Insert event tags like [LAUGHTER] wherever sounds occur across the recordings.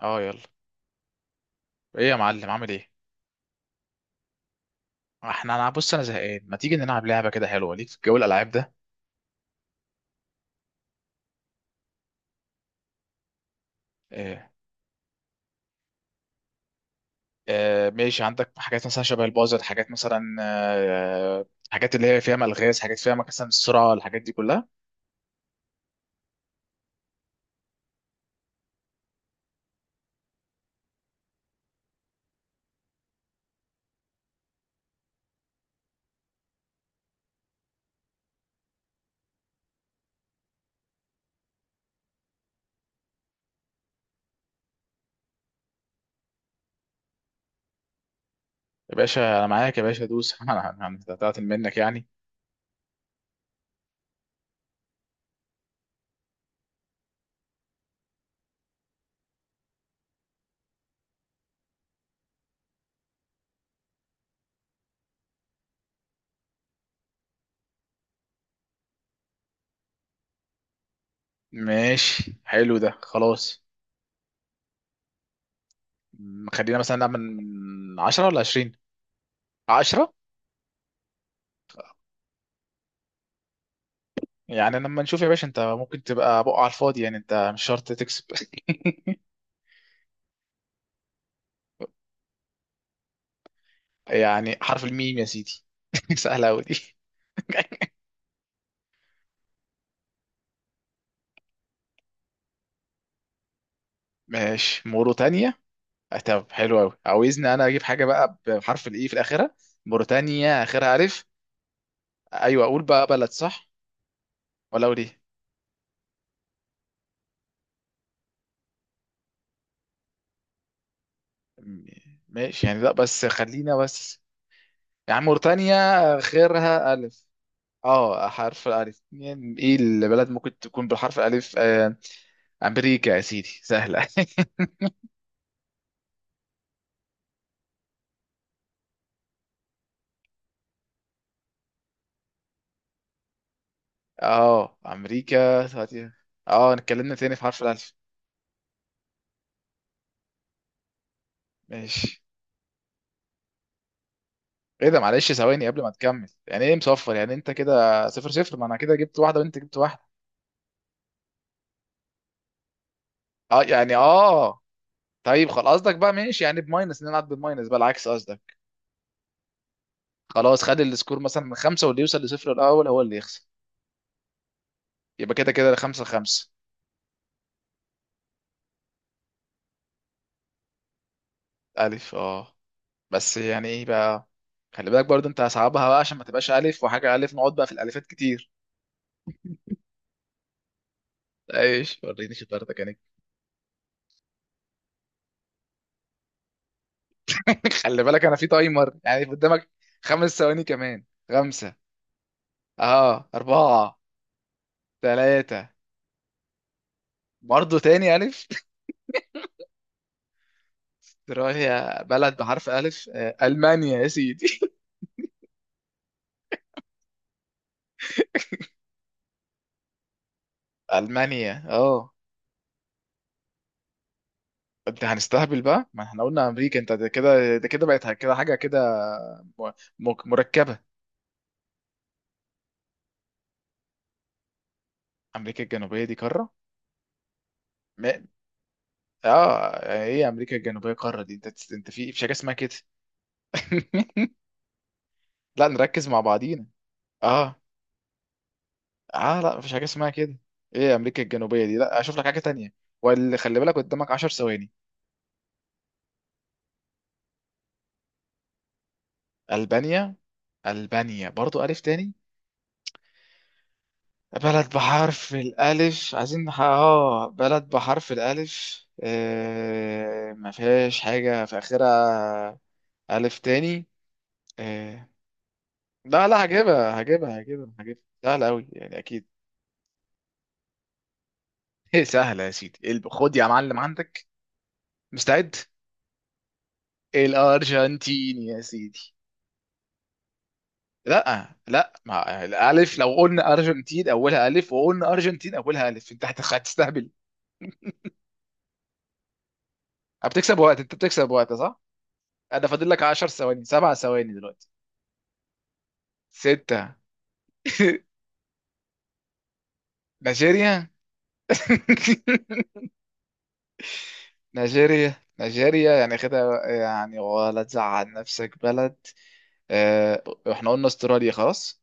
اه، يلا. ايه يا معلم، عامل ايه؟ انا، بص، انا زهقان، ما تيجي نلعب لعبه كده حلوه ليك في جو الالعاب ده؟ إيه. آه، ماشي. عندك حاجات مثلا شبه البازر، حاجات مثلا حاجات اللي هي فيها الغاز، حاجات فيها مثلا السرعه، الحاجات دي كلها. يا باشا انا معاك، يا باشا دوس. [LAUGHS] انا هتعطل منك يعني. ماشي، حلو ده. خلاص. خلينا مثلا نعمل من 10 ولا 20. 10. يعني لما نشوف يا باشا، انت ممكن تبقى بقى على الفاضي، يعني انت مش شرط تكسب. [LAUGHS] يعني حرف الميم يا سيدي، [LAUGHS] سهلة أوي دي. [LAUGHS] ماشي، موريتانيا. طب حلو أوي، عاوزني أنا أجيب حاجة بقى بحرف الإي في الآخرة؟ موريتانيا آخرها ألف. أيوه، أقول بقى بلد صح ولا أقول إيه؟ م- ماشي يعني، لا بس خلينا بس. يعني موريتانيا آخرها ألف. أه، حرف الألف. يعني إيه البلد ممكن تكون بالحرف الألف؟ أمريكا يا سيدي، سهلة. [LAUGHS] أه، أمريكا. اه، اتكلمنا تاني في حرف الألف. ماشي. ايه ده؟ معلش ثواني قبل ما تكمل. يعني ايه مصفر؟ يعني انت كده صفر صفر، ما انا كده جبت واحده وانت جبت واحده. اه يعني اه، طيب خلاص. قصدك بقى ماشي، يعني بماينس نلعب، بماينس بقى، العكس قصدك. خلاص، خد السكور مثلا من خمسه واللي يوصل لصفر الاول هو اللي يخسر. يبقى كده كده خمسه خمسه. الف، اه. بس يعني ايه بقى؟ خلي بالك برضو انت، هصعبها بقى عشان ما تبقاش الف وحاجه الف، نقعد بقى في الالفات كتير. ايش، وريني شطارتك يعني. [LAUGHS] خلي بالك انا في تايمر يعني قدامك. خمس ثواني كمان. خمسه، اه، اربعه، ثلاثة. برضه تاني ألف. [LAUGHS] إيطاليا بلد بحرف ألف. ألمانيا يا سيدي. [LAUGHS] ألمانيا، اه. انت هنستهبل بقى، ما احنا قلنا أمريكا، انت ده كده ده كده بقت كده حاجة كده. م- مركبة. أمريكا الجنوبية دي قارة؟ ما- اه، ايه أمريكا الجنوبية قارة دي؟ انت، انت في مفيش حاجة اسمها كده. [LAUGHS] لا، نركز مع بعضينا. اه، اه، لا، مفيش حاجة اسمها كده. ايه أمريكا الجنوبية دي؟ لا، أشوف لك حاجة تانية. واللي خلي بالك قدامك 10 ثواني. ألبانيا. ألبانيا برضو ألف تاني. بلد بحرف الألف. عايزين نح... اه بلد بحرف الألف. ما فيهاش حاجة في آخرها. ألف تاني. آه... لا لا، هجيبها، هجيبها، هجيبها، هجيبها، سهلة أوي يعني أكيد. [LAUGHS] إيه سهلة يا سيدي. إيه خد يا معلم عندك. مستعد. الأرجنتين يا سيدي. لا لا، مع الألف. لو قلنا أرجنتين أولها ألف، وقلنا أرجنتين أولها ألف، أنت هتستهبل. بتكسب وقت، أنت بتكسب وقت، صح؟ أنا فاضل لك 10 ثواني، 7 ثواني دلوقتي. ستة. [LAUGHS] نيجيريا. [LAUGHS] نيجيريا، نيجيريا يعني كده يعني ولا تزعل نفسك؟ بلد آه، احنا قلنا استراليا خلاص.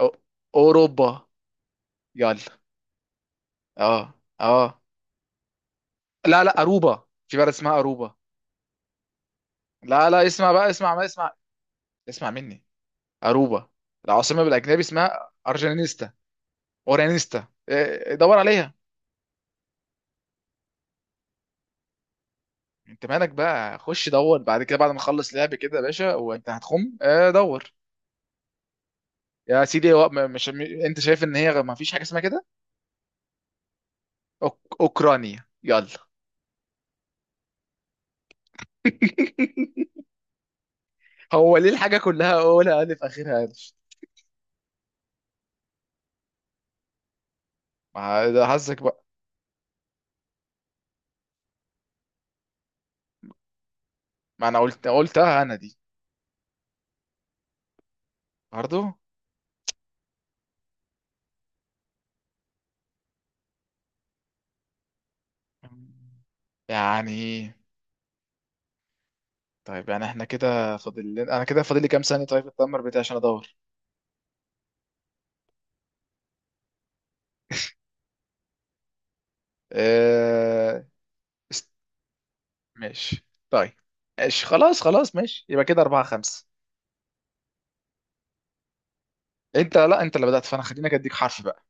أو- اوروبا. يلا. اه، اه، لا لا، اروبا، في بلد اسمها اروبا. لا لا، اسمع بقى، اسمع، ما اسمع. اسمع مني. اروبا، العاصمه بالاجنبي اسمها ارجانيستا، اورانيستا، دور عليها. انت مالك بقى؟ خش دور بعد كده، بعد ما اخلص لعب كده يا باشا وانت هتخم. دور. يا سيدي، هو مش انت شايف ان هي ما فيش حاجه اسمها كده. اوكرانيا يلا. [LAUGHS] هو ليه الحاجه كلها اولها الف اخرها الف؟ ما ده حظك بقى. ما انا قلتها انا دي. برضو يعني. طيب يعني احنا كده انا كده فاضل لي كام ثانيه؟ طيب التمر بتاعي عشان ادور. اه... است- ماشي. طيب، ماشي، خلاص، خلاص، ماشي. يبقى كده أربعة خمسة. أنت، لا أنت اللي بدأت، فأنا خليني أديك حرف بقى.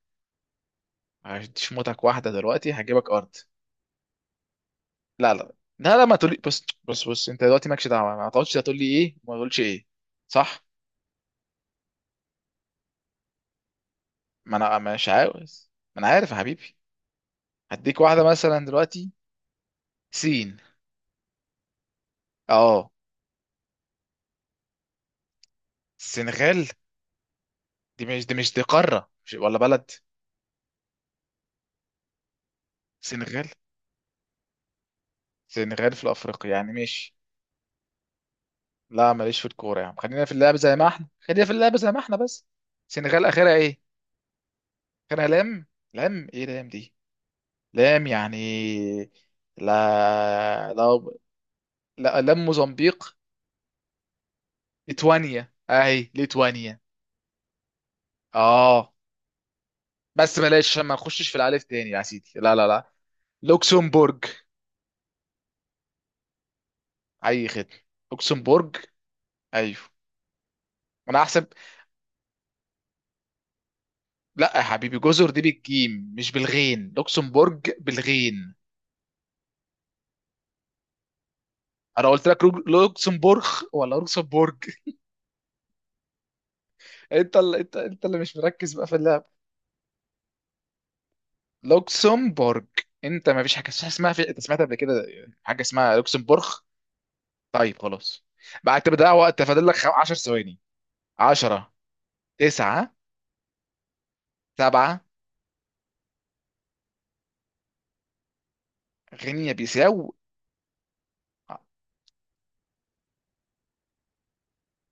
هديش موتك واحدة دلوقتي، هجيبك أرض. لا لا لا لا، ما تقولي بص بص بص، انت دلوقتي مالكش دعوه، ما تقعدش تقول لي ايه وما تقولش ايه. صح. ما انا مش عاوز. ما انا عارف يا حبيبي. هديك واحده مثلا دلوقتي. سين. اه. السنغال. دي مش، دي مش، دي قاره مش ولا بلد؟ سنغال سنغال في افريقيا يعني. ماشي. لا ماليش في الكوره يا عم، خلينا في اللعب زي ما احنا، خلينا في اللعب زي ما احنا بس. سنغال اخرها ايه؟ اخرها لام. لام ايه؟ لام دي. لام يعني لا لا لا. لام موزمبيق. ليتوانيا، اهي ليتوانيا. اه. بس بلاش عشان ما نخشش في الالف تاني يا سيدي، لا لا لا. لوكسمبورج. اي خدمه. لوكسمبورج. ايوه. انا احسب. لا يا حبيبي، جزر دي بالجيم مش بالغين، لوكسمبورج بالغين. انا قلت لك لوكسمبورغ ولا لوكسمبورج؟ [LAUGHS] انت اللي، انت اللي مش مركز بقى في اللعب. لوكسمبورج. انت ما فيش حاجه اسمها انت سمعت قبل كده حاجه اسمها لوكسمبورغ؟ طيب خلاص. بقى انت بتضيع وقت، فاضل لك 10 ثواني. 10، 9، سبعة. غينيا بيساو. آه،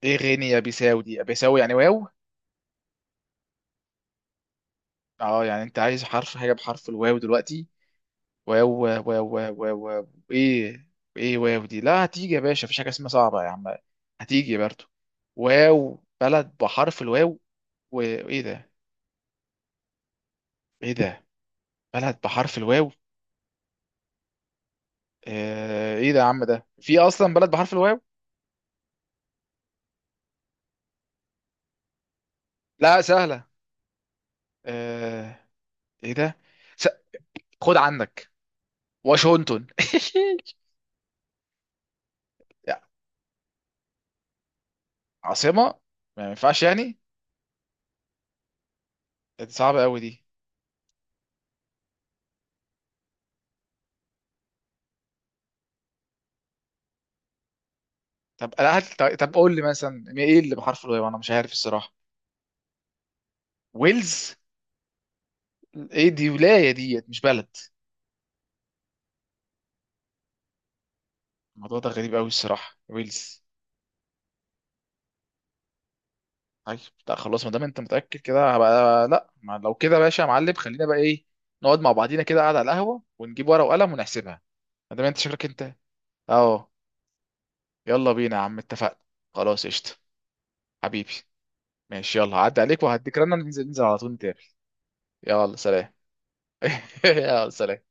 ايه غينيا بيساو دي؟ بيساو يعني واو. اه، يعني انت عايز حرف، حاجة بحرف الواو دلوقتي. واو، واو، واو. واو، واو. ايه؟ ايه واو دي؟ لا هتيجي يا باشا، مفيش حاجة اسمها صعبة يا عم، هتيجي برضو. واو، بلد بحرف الواو. وايه ده؟ ايه ده؟ بلد بحرف الواو. ايه ده يا عم؟ ده في اصلا بلد بحرف الواو؟ لا سهلة. آه، ايه ده؟ س... خد عندك، واشنطن. [LAUGHS] عاصمة؟ ما ينفعش يعني. دي صعبة قوي دي. طب لا هات، طب قول لي مثلا ايه اللي بحرف الواو، انا مش عارف الصراحة. ويلز. ايه دي ولاية ديت مش بلد. الموضوع ده غريب قوي الصراحة، ويلز. طيب، لا خلاص ما دام انت متأكد كده، هبقى لا، ما لو كده يا باشا يا معلم، خلينا بقى ايه، نقعد مع بعضينا كده قاعد على القهوة، ونجيب ورقة وقلم ونحسبها. ما دام انت شكلك انت. اهو. يلا بينا يا عم، اتفقنا. خلاص، قشطة. حبيبي. ماشي يلا، هعدي عليك وهديك رنة، ننزل ننزل على طول، نتقابل. يلا، سلام. [LAUGHS] يلا، سلام.